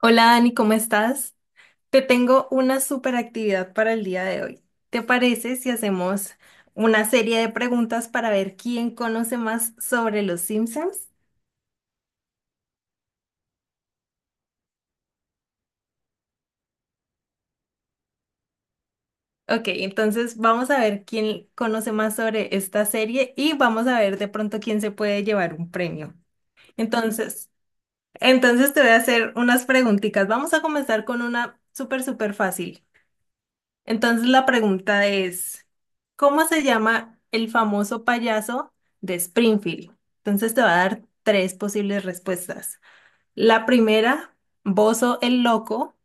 Hola Dani, ¿cómo estás? Te tengo una super actividad para el día de hoy. ¿Te parece si hacemos una serie de preguntas para ver quién conoce más sobre los Simpsons? Ok, entonces vamos a ver quién conoce más sobre esta serie y vamos a ver de pronto quién se puede llevar un premio. Entonces, entonces te voy a hacer unas preguntitas. Vamos a comenzar con una súper, súper fácil. Entonces la pregunta es, ¿cómo se llama el famoso payaso de Springfield? Entonces te va a dar tres posibles respuestas. La primera, Bozo el Loco,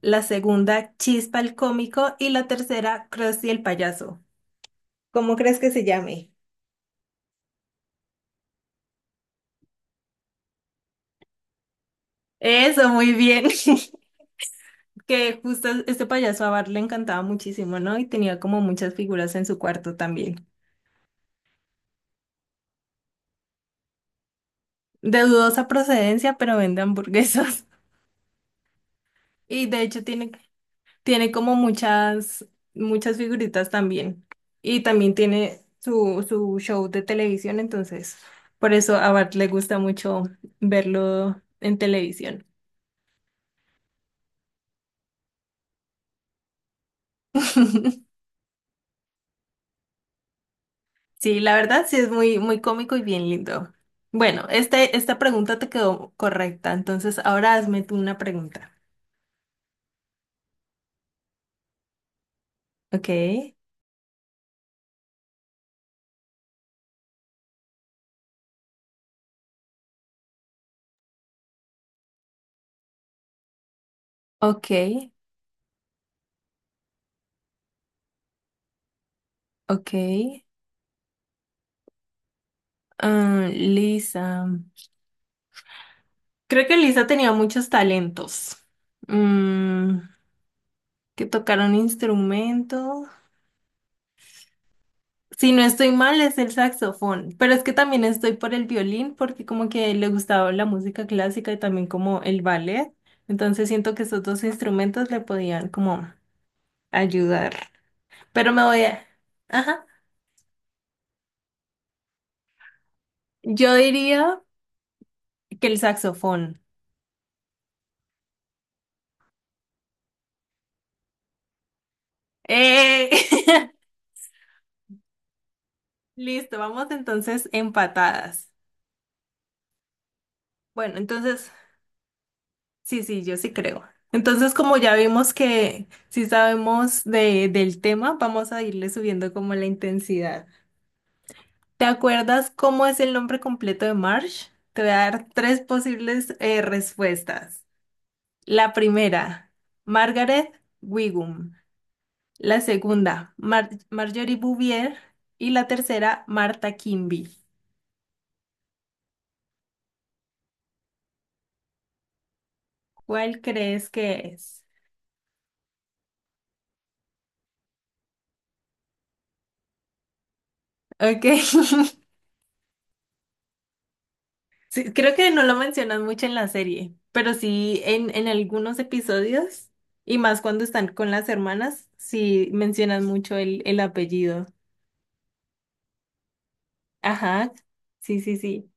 la segunda, Chispa el Cómico y la tercera, Krusty el Payaso. ¿Cómo crees que se llame? Eso, muy bien. Que justo este payaso a Bart le encantaba muchísimo, ¿no? Y tenía como muchas figuras en su cuarto también. De dudosa procedencia, pero vende hamburguesas. Y de hecho tiene. Tiene como muchas, muchas figuritas también. Y también tiene su show de televisión, entonces por eso a Bart le gusta mucho verlo en televisión. Sí, la verdad sí es muy, muy cómico y bien lindo. Bueno, esta pregunta te quedó correcta, entonces ahora hazme tú una pregunta. Ok, ok, ok. Ah, Lisa. Creo que Lisa tenía muchos talentos. Mm, que tocar un instrumento. Si no estoy mal, es el saxofón, pero es que también estoy por el violín porque como que le gustaba la música clásica y también como el ballet, entonces siento que esos dos instrumentos le podían como ayudar. Pero me voy a... Ajá. Yo diría que el saxofón. ¡Eh! Listo, vamos entonces empatadas. Bueno, entonces... Sí, sí, yo sí creo. Entonces, como ya vimos que sí sabemos del tema, vamos a irle subiendo como la intensidad. ¿Te acuerdas cómo es el nombre completo de Marsh? Te voy a dar tres posibles respuestas. La primera, Margaret Wiggum. La segunda, Marjorie Bouvier. Y la tercera, Marta Kimby. ¿Cuál crees que es? Ok. Sí, creo que no lo mencionas mucho en la serie, pero sí en algunos episodios, y más cuando están con las hermanas, sí mencionan mucho el apellido. Ajá, sí, sí, sí.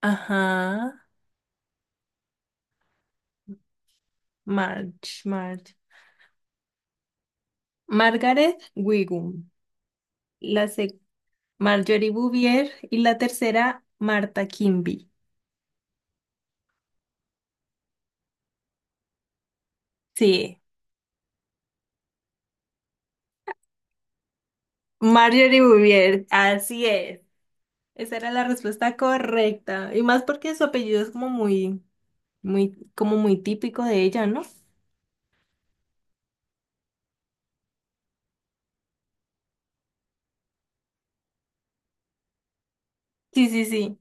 Ajá, Marge, Marge. Margaret Wigum, la sec- Marjorie Bouvier y la tercera, Marta Kimby. Sí, Marjorie Bouvier, así es. Esa era la respuesta correcta, y más porque su apellido es como muy... Muy, como muy típico de ella, ¿no? Sí, sí, sí.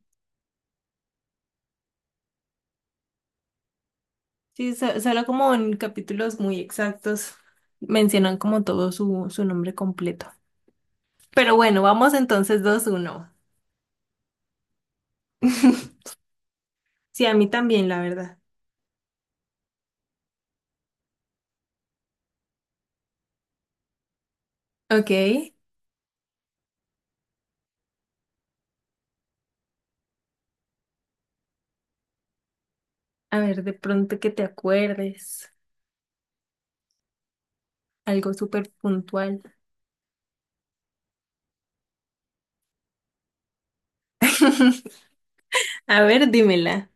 Sí, solo como en capítulos muy exactos mencionan como todo su nombre completo. Pero bueno, vamos entonces dos uno. Sí, a mí también, la verdad. Ok, a ver, de pronto que te acuerdes. Algo súper puntual. A ver, dímela.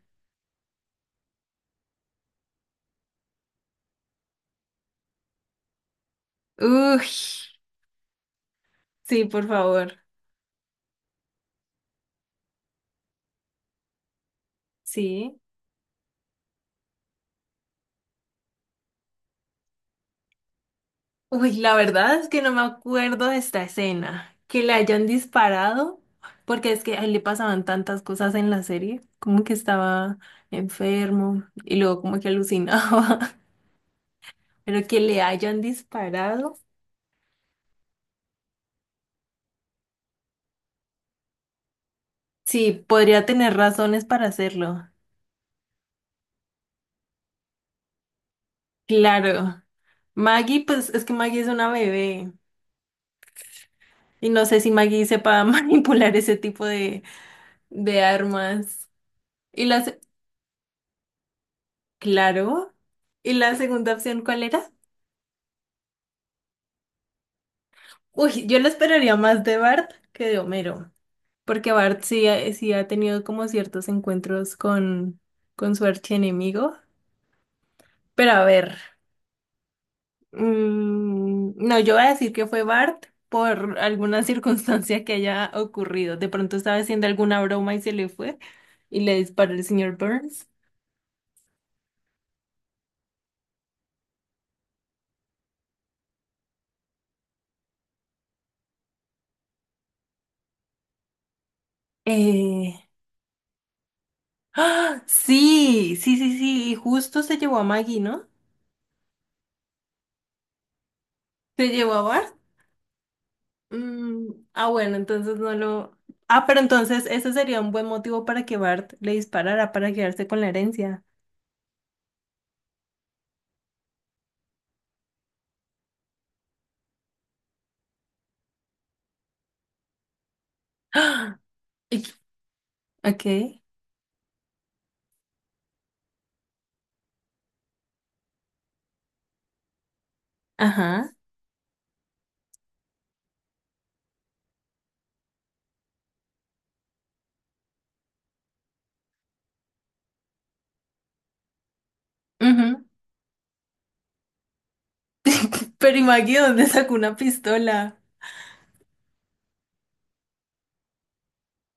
Uy, sí, por favor. Sí. Uy, la verdad es que no me acuerdo de esta escena. Que le hayan disparado, porque es que a él le pasaban tantas cosas en la serie, como que estaba enfermo y luego como que alucinaba, pero que le hayan disparado. Sí, podría tener razones para hacerlo. Claro. Maggie, pues es que Maggie es una bebé y no sé si Maggie sepa manipular ese tipo de armas. Y las, claro. ¿Y la segunda opción cuál era? Uy, yo lo esperaría más de Bart que de Homero, porque Bart sí, sí ha tenido como ciertos encuentros con su archienemigo. Pero a ver, no, yo voy a decir que fue Bart por alguna circunstancia que haya ocurrido. De pronto estaba haciendo alguna broma y se le fue y le disparó el señor Burns. Eh, ¡Ah! Sí, sí, sí, sí, y justo se llevó a Maggie, ¿no? Se llevó a Bart. Bueno, entonces no lo... Ah, pero entonces ese sería un buen motivo para que Bart le disparara para quedarse con la herencia. ¡Ah! Y- Ok, ajá. Ujú. Pero ¿y Maggie dónde sacó una pistola?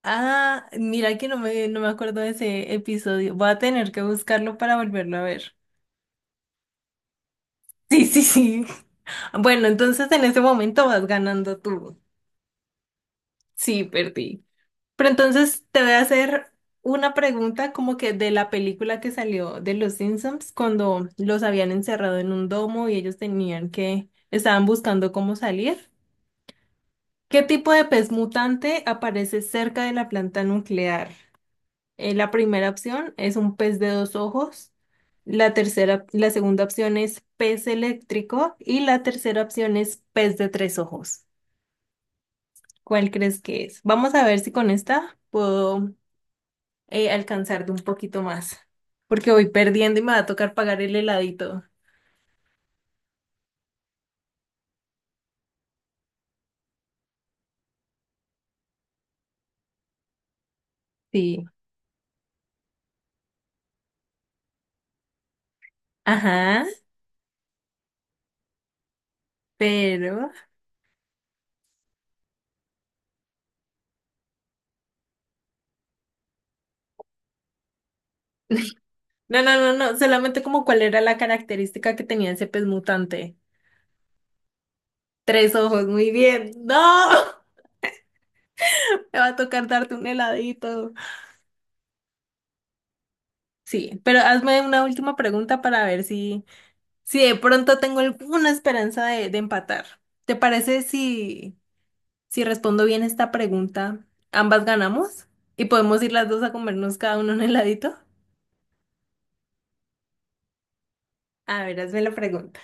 Ah, mira que no me acuerdo de ese episodio. Voy a tener que buscarlo para volverlo a ver. Sí, sí, sí. Bueno, entonces en ese momento vas ganando tú. Sí, perdí. Pero entonces te voy a hacer una pregunta como que de la película que salió de los Simpsons cuando los habían encerrado en un domo y ellos tenían que, estaban buscando cómo salir. ¿Qué tipo de pez mutante aparece cerca de la planta nuclear? La primera opción es un pez de dos ojos. La segunda opción es pez eléctrico y la tercera opción es pez de tres ojos. ¿Cuál crees que es? Vamos a ver si con esta puedo alcanzar de un poquito más, porque voy perdiendo y me va a tocar pagar el heladito. Sí. Ajá, pero... No, no, no, no, solamente como cuál era la característica que tenía ese pez mutante. Tres ojos, muy bien. No, me va a tocar darte un heladito. Sí, pero hazme una última pregunta para ver si, si de pronto tengo alguna esperanza de empatar. ¿Te parece si... Si respondo bien esta pregunta, ambas ganamos y podemos ir las dos a comernos cada uno un heladito. A ver, hazme la pregunta.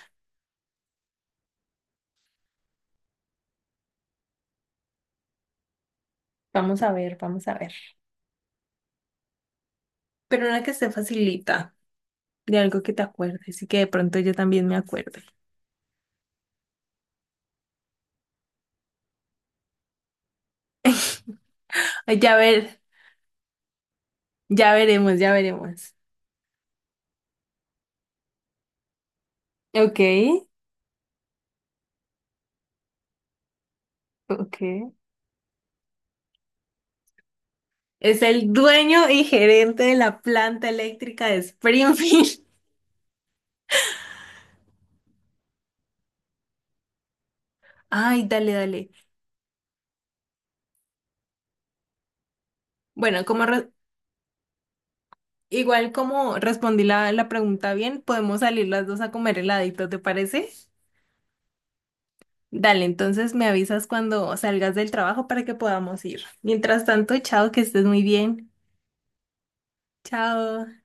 Vamos a ver, vamos a ver. Pero una que se facilita, de algo que te acuerdes y que de pronto yo también me acuerde. Ay, ya ver, ya veremos, ya veremos. Ok, ok. Es el dueño y gerente de la planta eléctrica de Springfield. Ay, dale, dale. Bueno, Igual como respondí la pregunta bien, podemos salir las dos a comer heladito, ¿te parece? Dale, entonces me avisas cuando salgas del trabajo para que podamos ir. Mientras tanto, chao, que estés muy bien. Chao.